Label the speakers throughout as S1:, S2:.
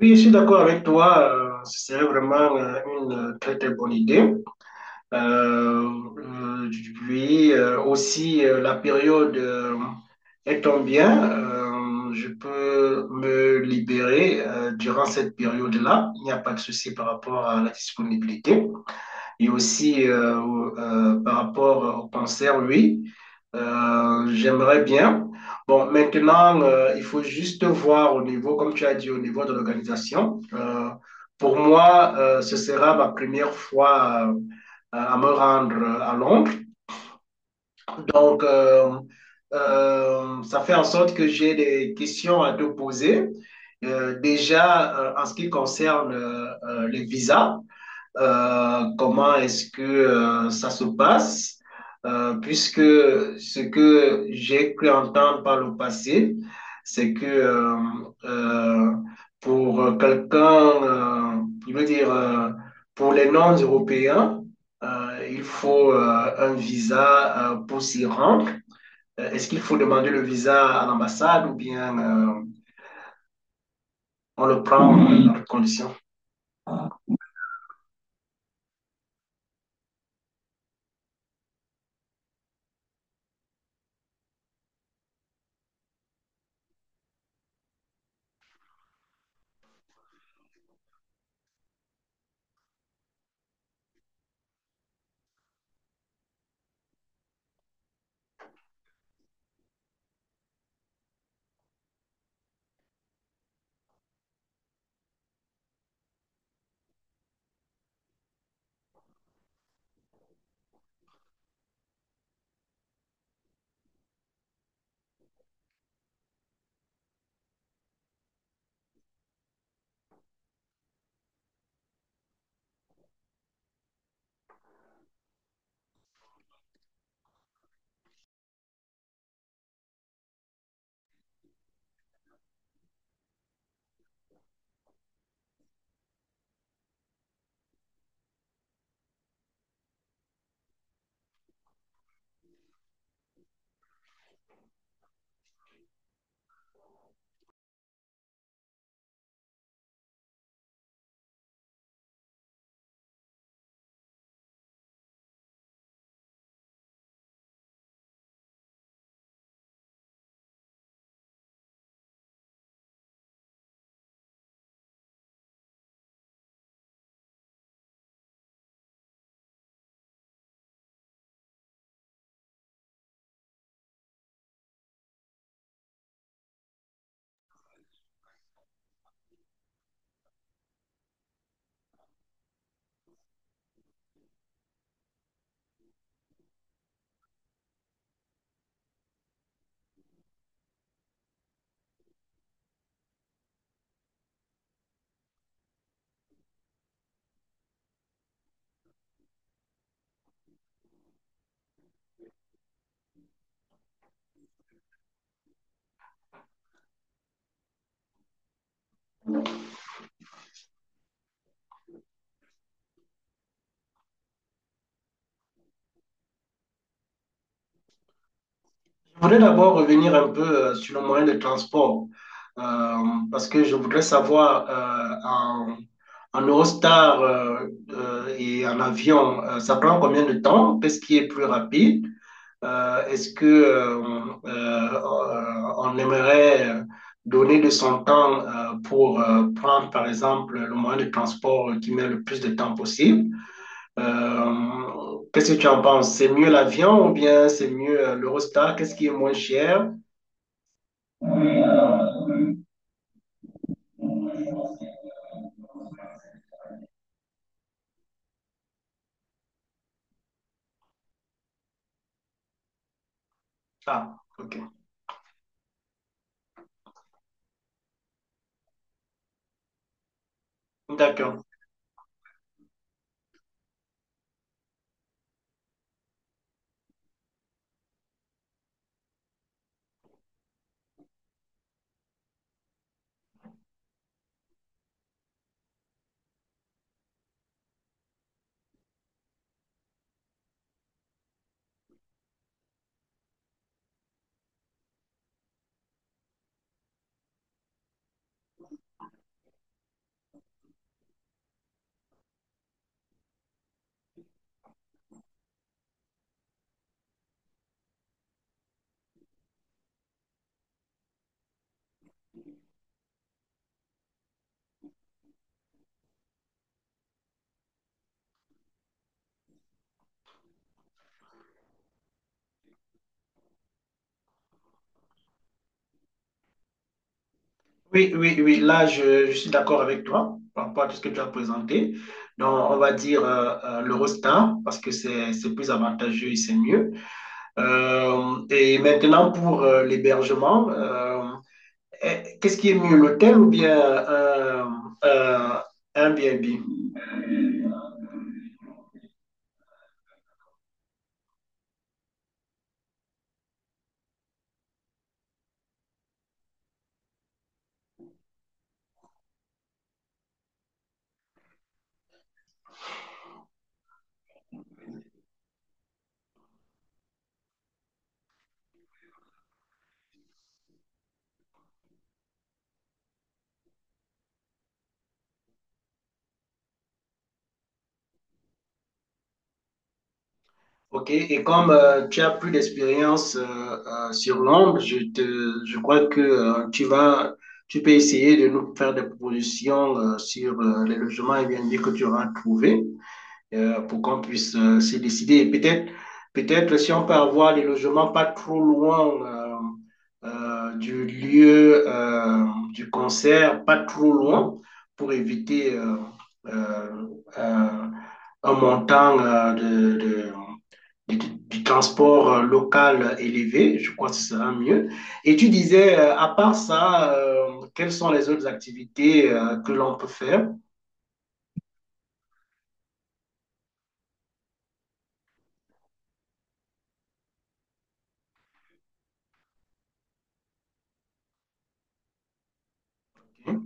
S1: Oui, je suis d'accord avec toi. C'est vraiment une très très bonne idée. Euh, euh, Puis aussi la période étant bien, je peux me libérer durant cette période-là. Il n'y a pas de souci par rapport à la disponibilité. Et aussi par rapport au cancer, oui, j'aimerais bien. Bon, maintenant, il faut juste voir au niveau, comme tu as dit, au niveau de l'organisation. Pour moi, ce sera ma première fois à me rendre à Londres. Donc, ça fait en sorte que j'ai des questions à te poser. Déjà, en ce qui concerne les visas. Comment est-ce que ça se passe? Puisque ce que j'ai cru entendre par le passé, c'est que euh, pour quelqu'un, je veux dire, pour les non-européens, il faut un visa pour s'y rendre. Est-ce qu'il faut demander le visa à l'ambassade ou bien on le prend dans quelles conditions? Je voudrais d'abord revenir un peu sur le moyen de transport, euh, parce que je voudrais savoir en Eurostar et en avion, ça prend combien de temps? Qu'est-ce qui est plus rapide? Est-ce que on aimerait donner de son temps pour prendre, par exemple, le moyen de transport qui met le plus de temps possible? Qu'est-ce que tu en penses? C'est mieux l'avion ou bien c'est mieux l'Eurostar? Qu'est-ce qui est moins cher? Ah, ok. D'accord. Oui, oui, oui. Là, je suis d'accord avec toi par rapport à tout ce que tu as présenté. Donc, on va dire l'Eurostar parce que c'est plus avantageux et c'est mieux. Et maintenant, pour l'hébergement, qu'est-ce qui est mieux, l'hôtel ou bien euh, un Airbnb? Ok, et comme tu as plus d'expérience sur l'ombre, je crois que tu peux essayer de nous faire des propositions sur les logements Airbnb que tu auras trouvé pour qu'on puisse se décider. Et peut-être, peut-être si on peut avoir des logements pas trop loin du lieu du concert, pas trop loin, pour éviter euh, euh, un montant de du, du transport local élevé, je crois que ce sera mieux. Et tu disais, à part ça, quelles sont les autres activités que l'on peut faire? Hmm.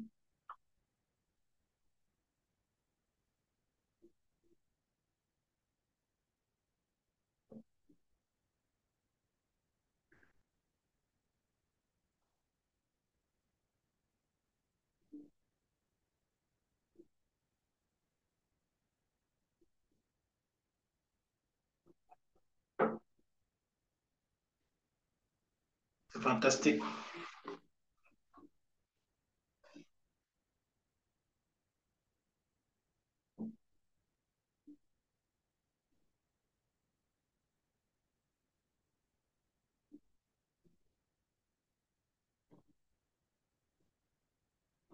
S1: C'est fantastique.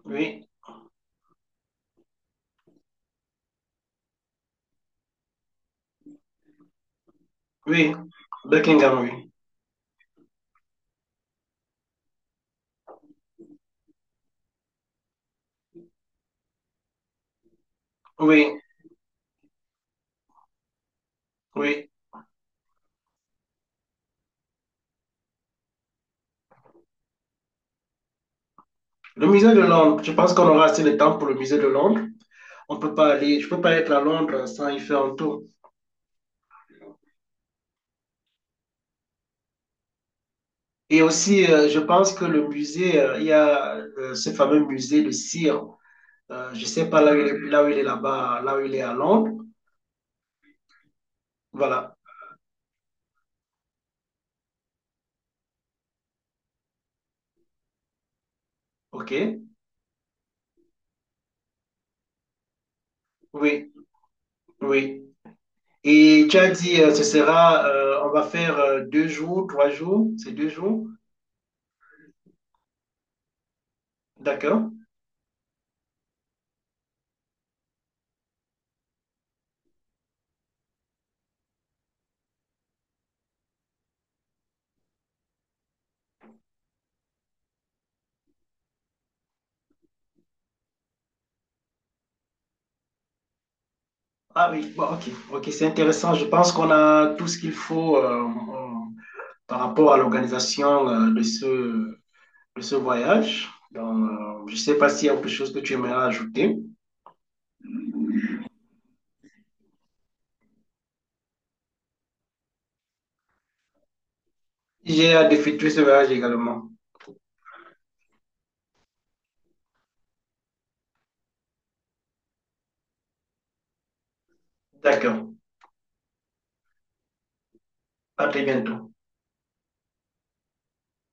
S1: Oui, oui, Buckingham, oui. Oui, oui. Le musée de Londres, je pense qu'on aura assez de temps pour le musée de Londres. On peut pas aller, je peux pas être à Londres sans y faire un tour. Et aussi, je pense que le musée, il y a ce fameux musée de cire. Je ne sais pas là où il est là-bas, là où il est à Londres. Voilà. OK. Oui, oui. Et tu as dit, ce sera, on va faire deux jours, trois jours, c'est deux jours. D'accord. Ah oui, bon, OK. OK, c'est intéressant. Je pense qu'on a tout ce qu'il faut par rapport à l'organisation de ce voyage. Donc, je ne sais pas s'il y a autre chose que tu aimerais ajouter. J'ai hâte d'effectuer ce voyage également. D'accord. À très bientôt.